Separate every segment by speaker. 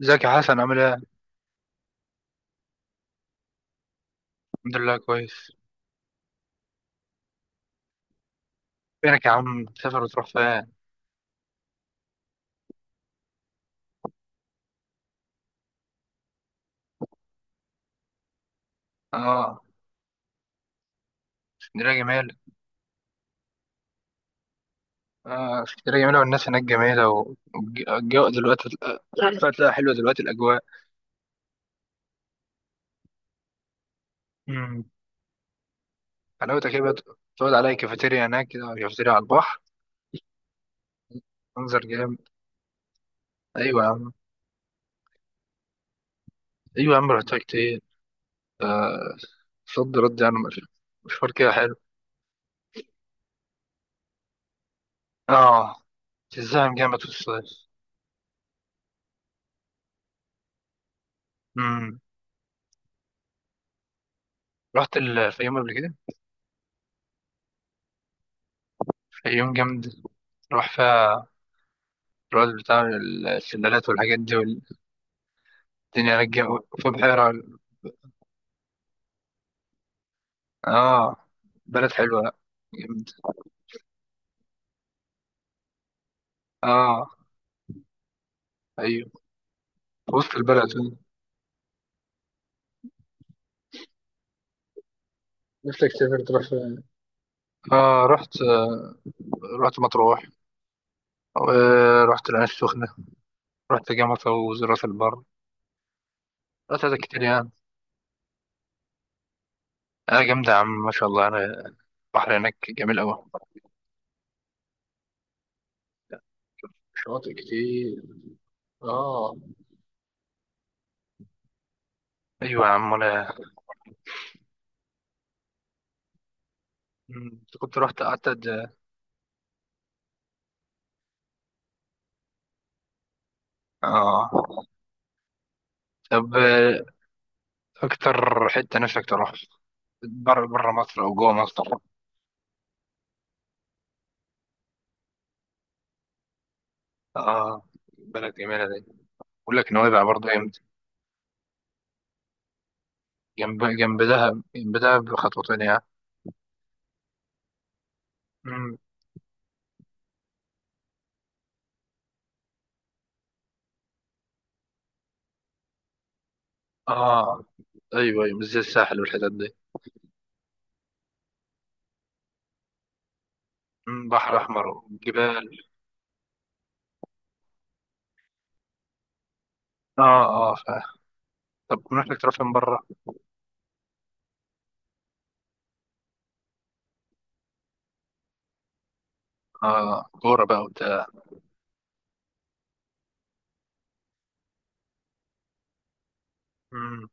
Speaker 1: ازيك يا حسن عامل ايه؟ الحمد لله كويس. فينك يا عم تسافر وتروح فين؟ اه، اسكندرية جميلة. اه، اسكندرية جميلة والناس هناك جميلة والجو دلوقتي فتلاقي حلوة دلوقتي الأجواء. امم، حلاوتك ايه بقى. تقعد على أي كافيتيريا هناك كده، كافيتيريا على البحر. منظر جامد. أيوة يا عم. أيوة يا عم، رحتها كتير. صد رد يعني مش- مشوار كده حلو. اه، تتزاحم جامد في الصيف. امم. رحت الفيوم قبل كده. الفيوم جامد. راح فيها الرز بتاع السندالات والحاجات دي والدنيا رجع. في بحيرة. اه، بلد حلوة، لا جامد. اه، ايوه، وسط البلد. نفسك تسافر تروح فين؟ اه، رحت، رحت مطروح، ورحت العين السخنة، رحت جامعة، وراس البر. رحت حاجات كتير يعني. اه، جامدة يا عم، ما شاء الله يعني. البحر هناك جميل أوي. شواطئ كتير. اه. أيوة يا عم، أنا كنت رحت قعدت اه. طب، أكتر حتة نفسك تروح بره؟ مصر او جوه مصر؟ اه، بلد جميله دي. بقول لك نويبع برضه جنب، جنب دهب، جنب دهب بخطوتين يعني. أمم. اه، ايوه ايوه، مش زي الساحل والحتت دي. أمم، بحر احمر وجبال. اه اه طب نفسك تروح فين بره؟ اه، كوره بقى وبتاع. أمم.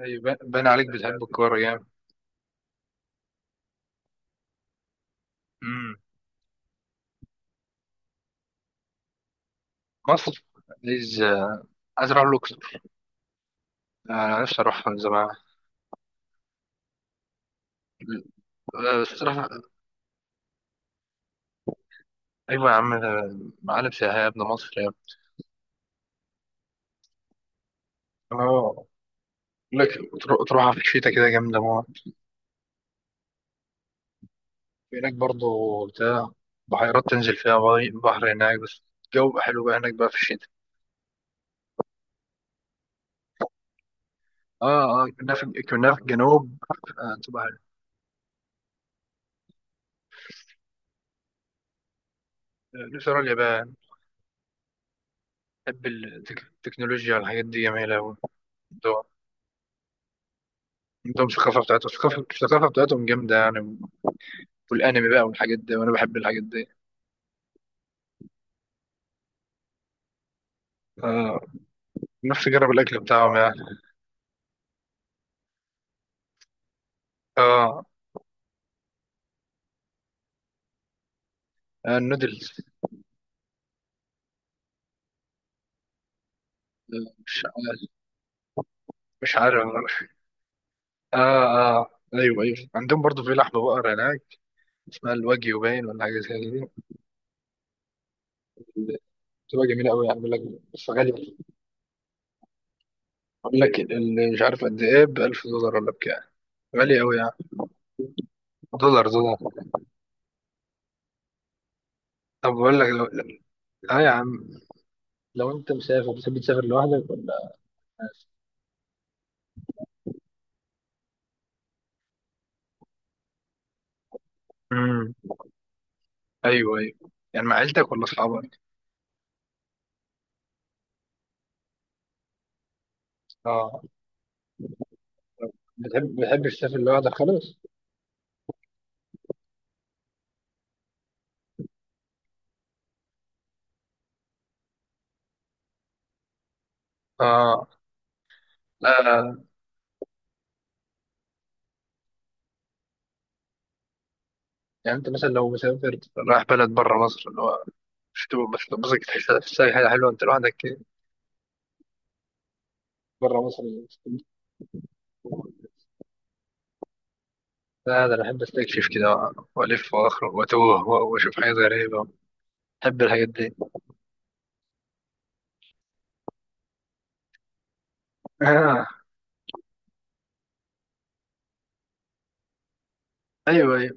Speaker 1: ايوه، بان باين عليك بتحب الكوره جامد. أمم. مصر. عايز، اروح الاقصر. انا نفسي اروح من زمان. آه، بس أروح- ايوه يا عم، ده معالم سياحيه يا ابن مصر يا ابني. اه، بقول لك تروح في الشتاء كده جامدة موت هناك برضه. بتاع بحيرات تنزل فيها، بحر، هناك، بس الجو بقى حلو بقى هناك بقى في الشتاء. اه اه، كنا في الجنوب. آه، تبقى حلو. آه، نفسي أروح اليابان. بحب التكنولوجيا والحاجات دي جميلة أوي عندهم. عندهم الثقافة بتاعتهم، الثقافة بتاعتهم جامدة يعني. والأنمي بقى والحاجات دي، وأنا بحب الحاجات دي. آه، نفسي أجرب الأكل بتاعهم يعني. اه. آه، النودلز. آه، مش عارف. اه اه، ايوه ايوه، عندهم برضو في لحم بقر هناك اسمها الواجيو باين ولا حاجه زي دي. بتبقى جميله قوي يعني، بيقول لك، بس غاليه. بيقول لك مش عارف قد ايه، ب 1000 دولار ولا بكام. غاليه قوي يعني. دولار دولار. طب بقول لك اه يا عم، لو انت مسافر بتحب تسافر لوحدك ولا؟ امم. ايوه ايوه، يعني مع عيلتك ولا اصحابك؟ اه. بتحب، تسافر لوحدك خالص؟ اه. لا لا. يعني انت مثلا لو مسافر رايح بلد بره مصر، اللي هو مش تبقى تحس، حاجه حلوه انت لوحدك بره مصر؟ لا، ده انا بحب استكشف كده، والف واخرج واتوه واشوف حاجات غريبه. بحب الحاجات دي. آه. ايوه ايوه.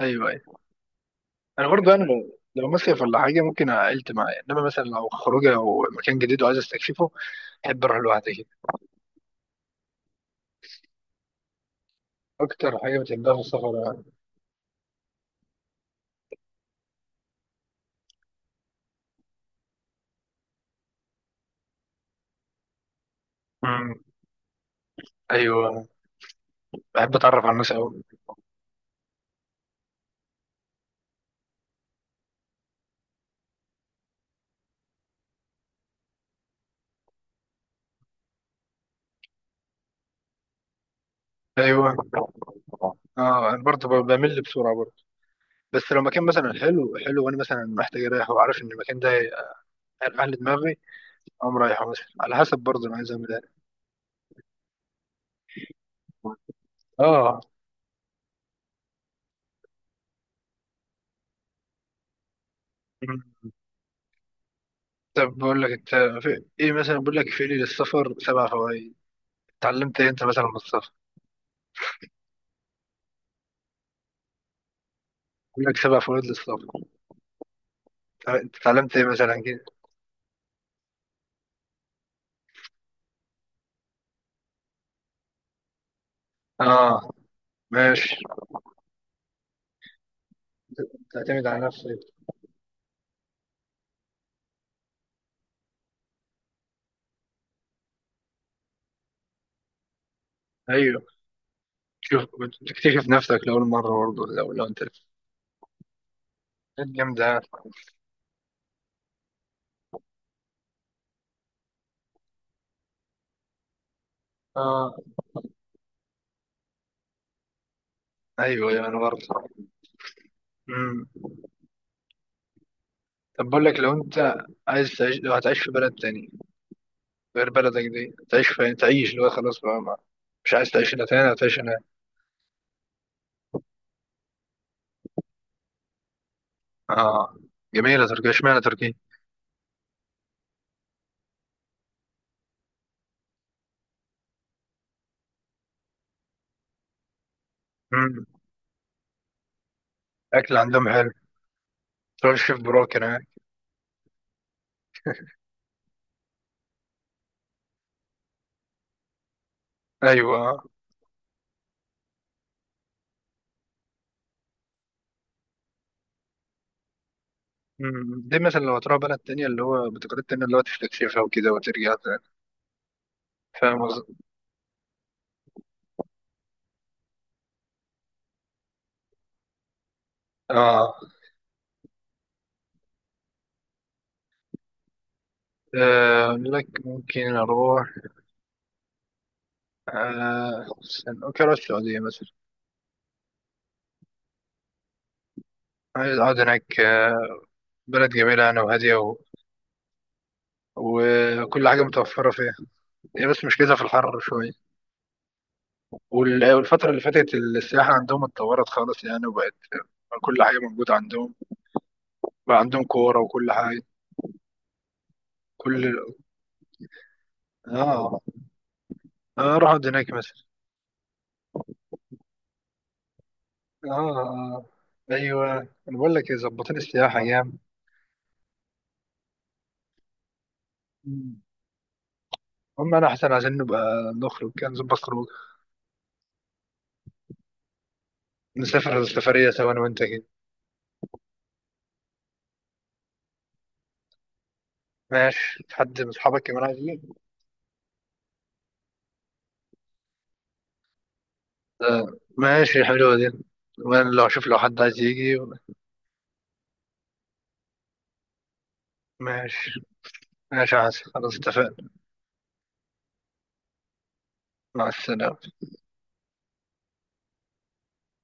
Speaker 1: ايوه ايوه، انا برضو يعني لو، مصيف ولا حاجه ممكن عائلتي معايا. انما مثلا لو خروجه او مكان جديد وعايز استكشفه بحب اروح لوحدي كده. اكتر حاجه بتحبها في السفر يعني؟ أمم. ايوه. بحب اتعرف على الناس قوي. ايوه. اه، انا برضه بمل بسرعه برضه. بس لو مكان مثلا حلو حلو وانا مثلا محتاج اريح وعارف ان المكان ده هيريح لي دماغي، قام رايح مثلا على حسب برضه انا عايز اعمل ايه. اه. مم. طب بقول لك انت، في ايه مثلا؟ بقول لك في لي للسفر سبع فوائد. اتعلمت ايه انت مثلا من السفر؟ بقول لك سبع فوائد للسفر. انت اتعلمت ايه مثلا كده؟ اه. ماشي. تعتمد على نفسك. ايوه. شوف، تكتشف نفسك لاول مره برضه، لو انت حاجات جامده. اه. ايوه ايوه. انا برضه. امم. طب بقول لك، لو انت عايز تعيش، لو هتعيش في بلد تاني غير بلدك دي، تعيش فين؟ تعيش اللي هو خلاص بقى مش عايز تعيش هنا تاني، هتعيش هناك. اه، جميلة تركيا، اشمعنى تركيا؟ مم. أكل عندهم حلو. تروح الشيف براك هناك. أيوة. مم. دي مثلا لو هتروح بلد تانية اللي هو بتقاليد تانية، اللي هو تستكشفها وكده وترجع تاني. فاهم قصدي؟ آه. آه، أقول لك، ممكن أروح، آه استنى، ممكن أروح السعودية مثلا. عايز أقعد هناك. آه، بلد جميلة، أنا وهادية و... وكل حاجة متوفرة فيها. هي بس مشكلتها في الحر شوية. والفترة اللي فاتت السياحة عندهم اتطورت خالص يعني، وبقت كل حاجة موجودة عندهم، بقى عندهم كورة وكل حاجة. كل، اه. اه، اروح اقعد هناك مثلا. اه. آه. ايوه. انا بقول لك إيه، ظبطين السياحة جام. مم. هم انا احسن عشان نبقى، نخرج كده، نظبط خروج، نسافر سفرية سوا انا وانت كده. ماشي، في حد من اصحابك كمان عايز يجي؟ آه. ماشي، حلوة دي. وانا لو اشوف لو حد عايز يجي. ماشي. ماشي يا حسن، خلاص اتفقنا. مع السلامة.